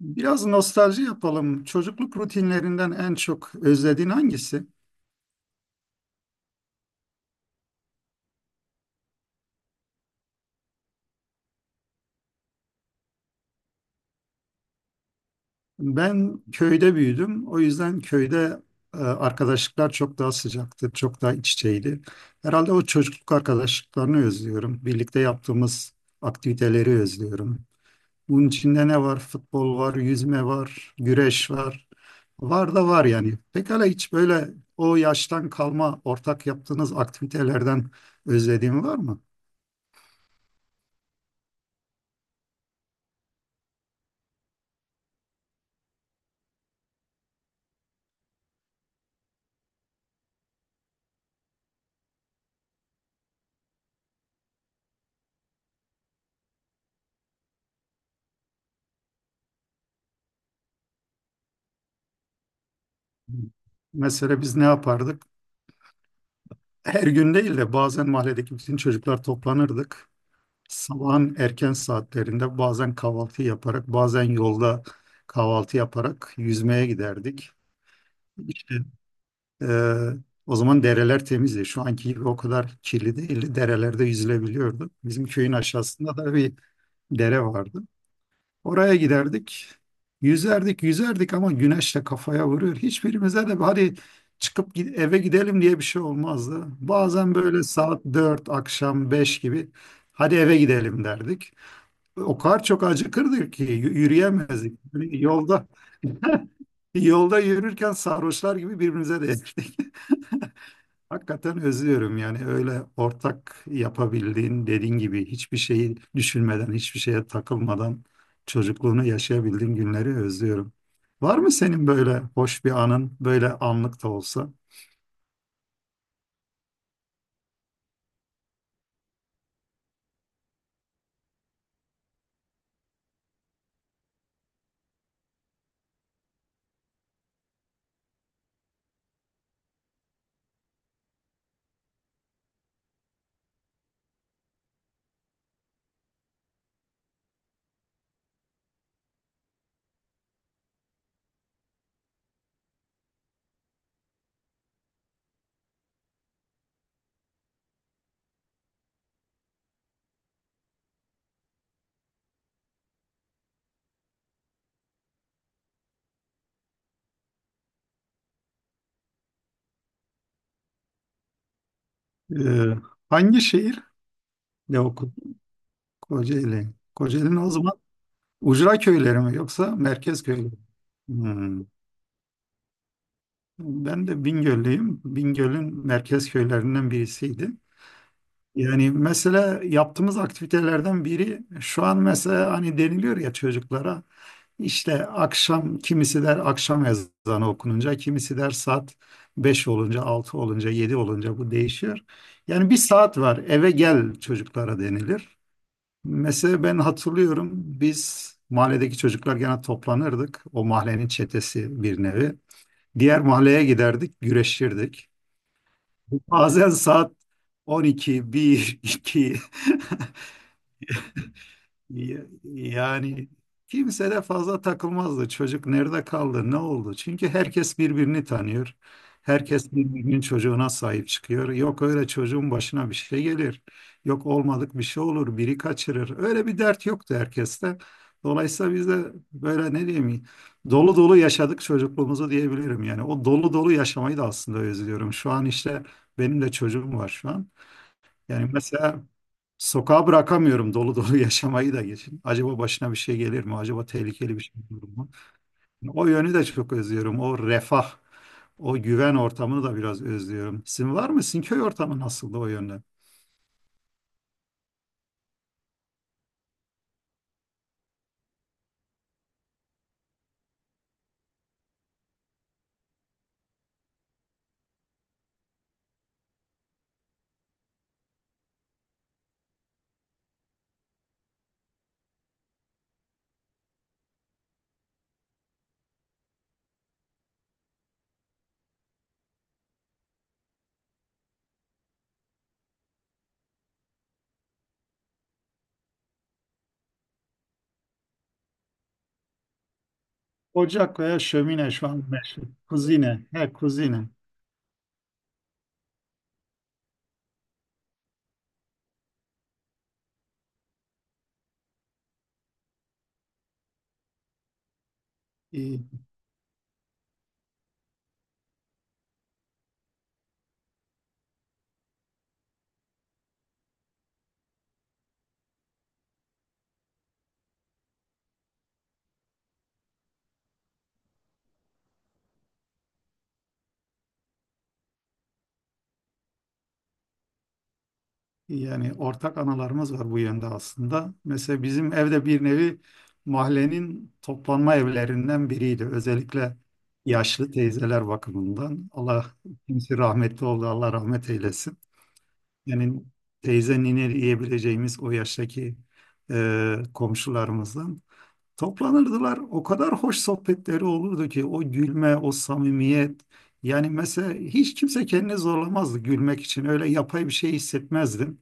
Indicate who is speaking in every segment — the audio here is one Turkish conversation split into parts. Speaker 1: Biraz nostalji yapalım. Çocukluk rutinlerinden en çok özlediğin hangisi? Ben köyde büyüdüm. O yüzden köyde arkadaşlıklar çok daha sıcaktı, çok daha iç içeydi. Herhalde o çocukluk arkadaşlıklarını özlüyorum. Birlikte yaptığımız aktiviteleri özlüyorum. Bunun içinde ne var? Futbol var, yüzme var, güreş var. Var da var yani. Pekala hiç böyle o yaştan kalma ortak yaptığınız aktivitelerden özlediğin var mı? Mesela biz ne yapardık? Her gün değil de bazen mahalledeki bütün çocuklar toplanırdık. Sabahın erken saatlerinde bazen kahvaltı yaparak, bazen yolda kahvaltı yaparak yüzmeye giderdik. İşte e, o zaman dereler temizdi. Şu anki gibi o kadar kirli değildi. Derelerde yüzülebiliyordu. Bizim köyün aşağısında da bir dere vardı. Oraya giderdik. Yüzerdik, yüzerdik ama güneşle kafaya vuruyor. Hiçbirimize de hadi çıkıp eve gidelim diye bir şey olmazdı. Bazen böyle saat 4 akşam 5 gibi hadi eve gidelim derdik. O kadar çok acıkırdık ki yürüyemezdik. Yani yolda yürürken sarhoşlar gibi birbirimize değerdik. Hakikaten özlüyorum yani öyle ortak yapabildiğin dediğin gibi hiçbir şeyi düşünmeden hiçbir şeye takılmadan çocukluğunu yaşayabildiğin günleri özlüyorum. Var mı senin böyle hoş bir anın böyle anlık da olsa? Ee, Hangi şehir? Ne okudun? Kocaeli. Kocaeli'nin o zaman ucra köyleri mi yoksa merkez köyleri mi? Hmm. Ben de Bingöl'lüyüm. Bingöl'ün merkez köylerinden birisiydi. Yani mesela yaptığımız aktivitelerden biri şu an mesela hani deniliyor ya çocuklara işte akşam kimisi der akşam ezanı okununca kimisi der saat 5 olunca 6 olunca 7 olunca bu değişiyor. Yani bir saat var eve gel çocuklara denilir. Mesela ben hatırlıyorum biz mahalledeki çocuklar gene toplanırdık. O mahallenin çetesi bir nevi. Diğer mahalleye giderdik, güreşirdik. Bazen saat 12, 1, 2. Yani kimse de fazla takılmazdı. Çocuk nerede kaldı, ne oldu? Çünkü herkes birbirini tanıyor. Herkes birbirinin çocuğuna sahip çıkıyor. Yok öyle çocuğun başına bir şey gelir. Yok olmadık bir şey olur, biri kaçırır. Öyle bir dert yoktu herkeste. Dolayısıyla biz de böyle ne diyeyim, dolu dolu yaşadık çocukluğumuzu diyebilirim. Yani o dolu dolu yaşamayı da aslında özlüyorum. Şu an işte benim de çocuğum var şu an. Yani mesela sokağa bırakamıyorum dolu dolu yaşamayı da geçin. Acaba başına bir şey gelir mi? Acaba tehlikeli bir şey olur mu? Yani o yönü de çok özlüyorum. O refah, o güven ortamını da biraz özlüyorum. Sizin var mı? Sizin köy ortamı nasıldı o yönde? Ocak veya şömine şu an meşhur. Kuzine. He, kuzine. İyi. Yani ortak analarımız var bu yönde aslında. Mesela bizim evde bir nevi mahallenin toplanma evlerinden biriydi. Özellikle yaşlı teyzeler bakımından. Allah kimse rahmetli oldu, Allah rahmet eylesin. Yani teyze nine diyebileceğimiz o yaştaki komşularımızdan. Toplanırdılar. O kadar hoş sohbetleri olurdu ki o gülme, o samimiyet. Yani mesela hiç kimse kendini zorlamazdı gülmek için. Öyle yapay bir şey hissetmezdim.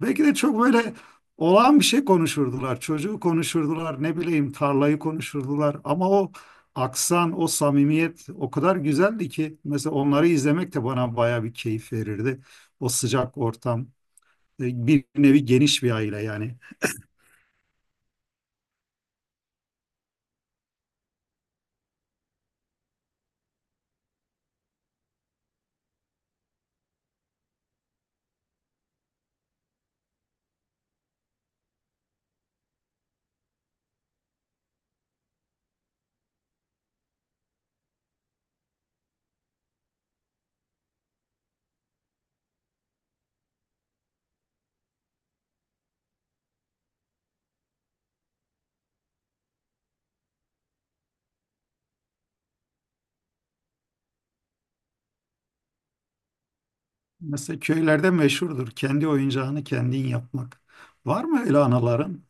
Speaker 1: Belki de çok böyle olağan bir şey konuşurdular. Çocuğu konuşurdular, ne bileyim tarlayı konuşurdular. Ama o aksan, o samimiyet o kadar güzeldi ki mesela onları izlemek de bana baya bir keyif verirdi. O sıcak ortam, bir nevi geniş bir aile yani. Mesela köylerde meşhurdur kendi oyuncağını kendin yapmak. Var mı öyle anaların?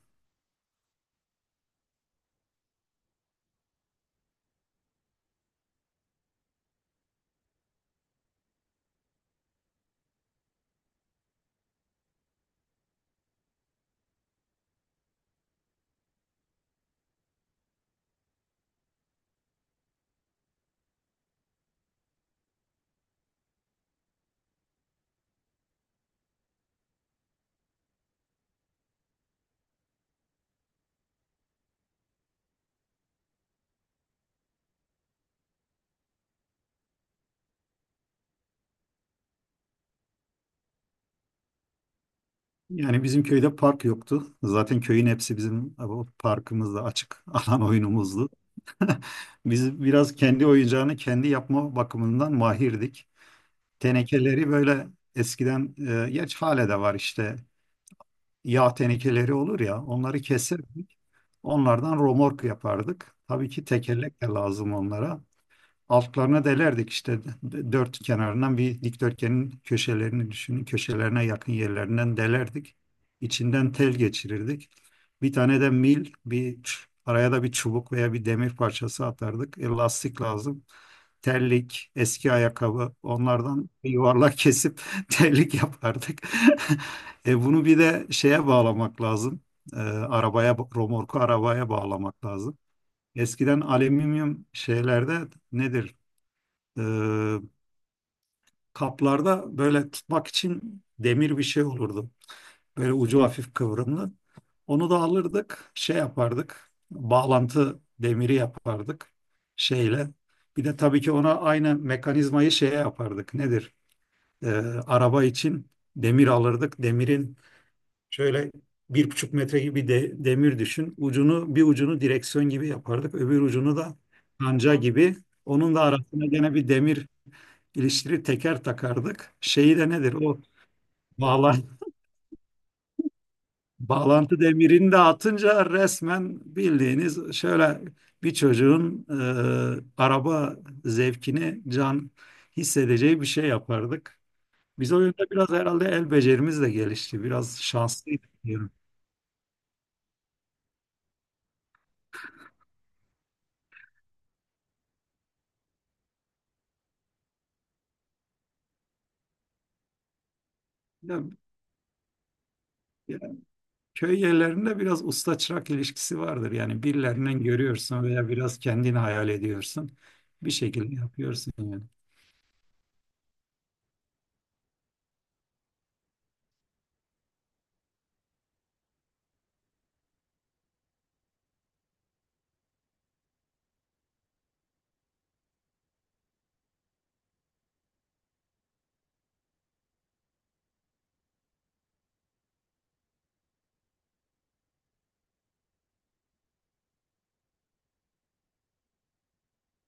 Speaker 1: Yani bizim köyde park yoktu. Zaten köyün hepsi bizim o parkımızda açık alan oyunumuzdu. Biz biraz kendi oyuncağını kendi yapma bakımından mahirdik. Tenekeleri böyle eskiden, geç hale de var işte yağ tenekeleri olur ya onları keserdik. Onlardan romork yapardık. Tabii ki tekerlek de lazım onlara altlarına delerdik işte dört kenarından bir dikdörtgenin köşelerini düşünün köşelerine yakın yerlerinden delerdik. İçinden tel geçirirdik. Bir tane de mil bir araya da bir çubuk veya bir demir parçası atardık. Lastik lazım. Terlik, eski ayakkabı onlardan bir yuvarlak kesip terlik yapardık. Bunu bir de şeye bağlamak lazım. Arabaya, romorku arabaya bağlamak lazım. Eskiden alüminyum şeylerde nedir? e, Kaplarda böyle tutmak için demir bir şey olurdu. Böyle ucu hafif kıvrımlı. Onu da alırdık, şey yapardık. Bağlantı demiri yapardık şeyle. Bir de tabii ki ona aynı mekanizmayı şeye yapardık. Nedir? E, Araba için demir alırdık. Demirin şöyle 1,5 metre gibi de, demir düşün. Ucunu bir ucunu direksiyon gibi yapardık. Öbür ucunu da kanca gibi. Onun da arasına gene bir demir ilişkileri teker takardık. Şeyi de nedir? O bağlan bağlantı demirini de atınca resmen bildiğiniz şöyle bir çocuğun araba zevkini can hissedeceği bir şey yapardık. Biz o yönde biraz herhalde el becerimiz de gelişti. Biraz şanslıydık diyorum. Ya, Ya, köy yerlerinde biraz usta çırak ilişkisi vardır. Yani birilerinden görüyorsun veya biraz kendini hayal ediyorsun. Bir şekilde yapıyorsun yani.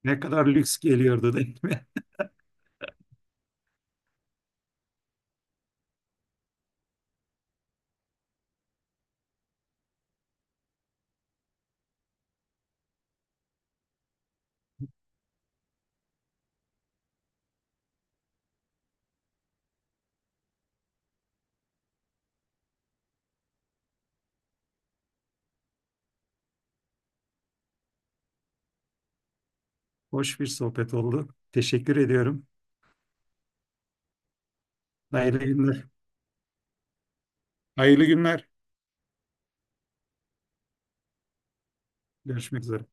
Speaker 1: Ne kadar lüks geliyordu değil mi? Hoş bir sohbet oldu. Teşekkür ediyorum. Hayırlı günler. Hayırlı günler. Görüşmek üzere.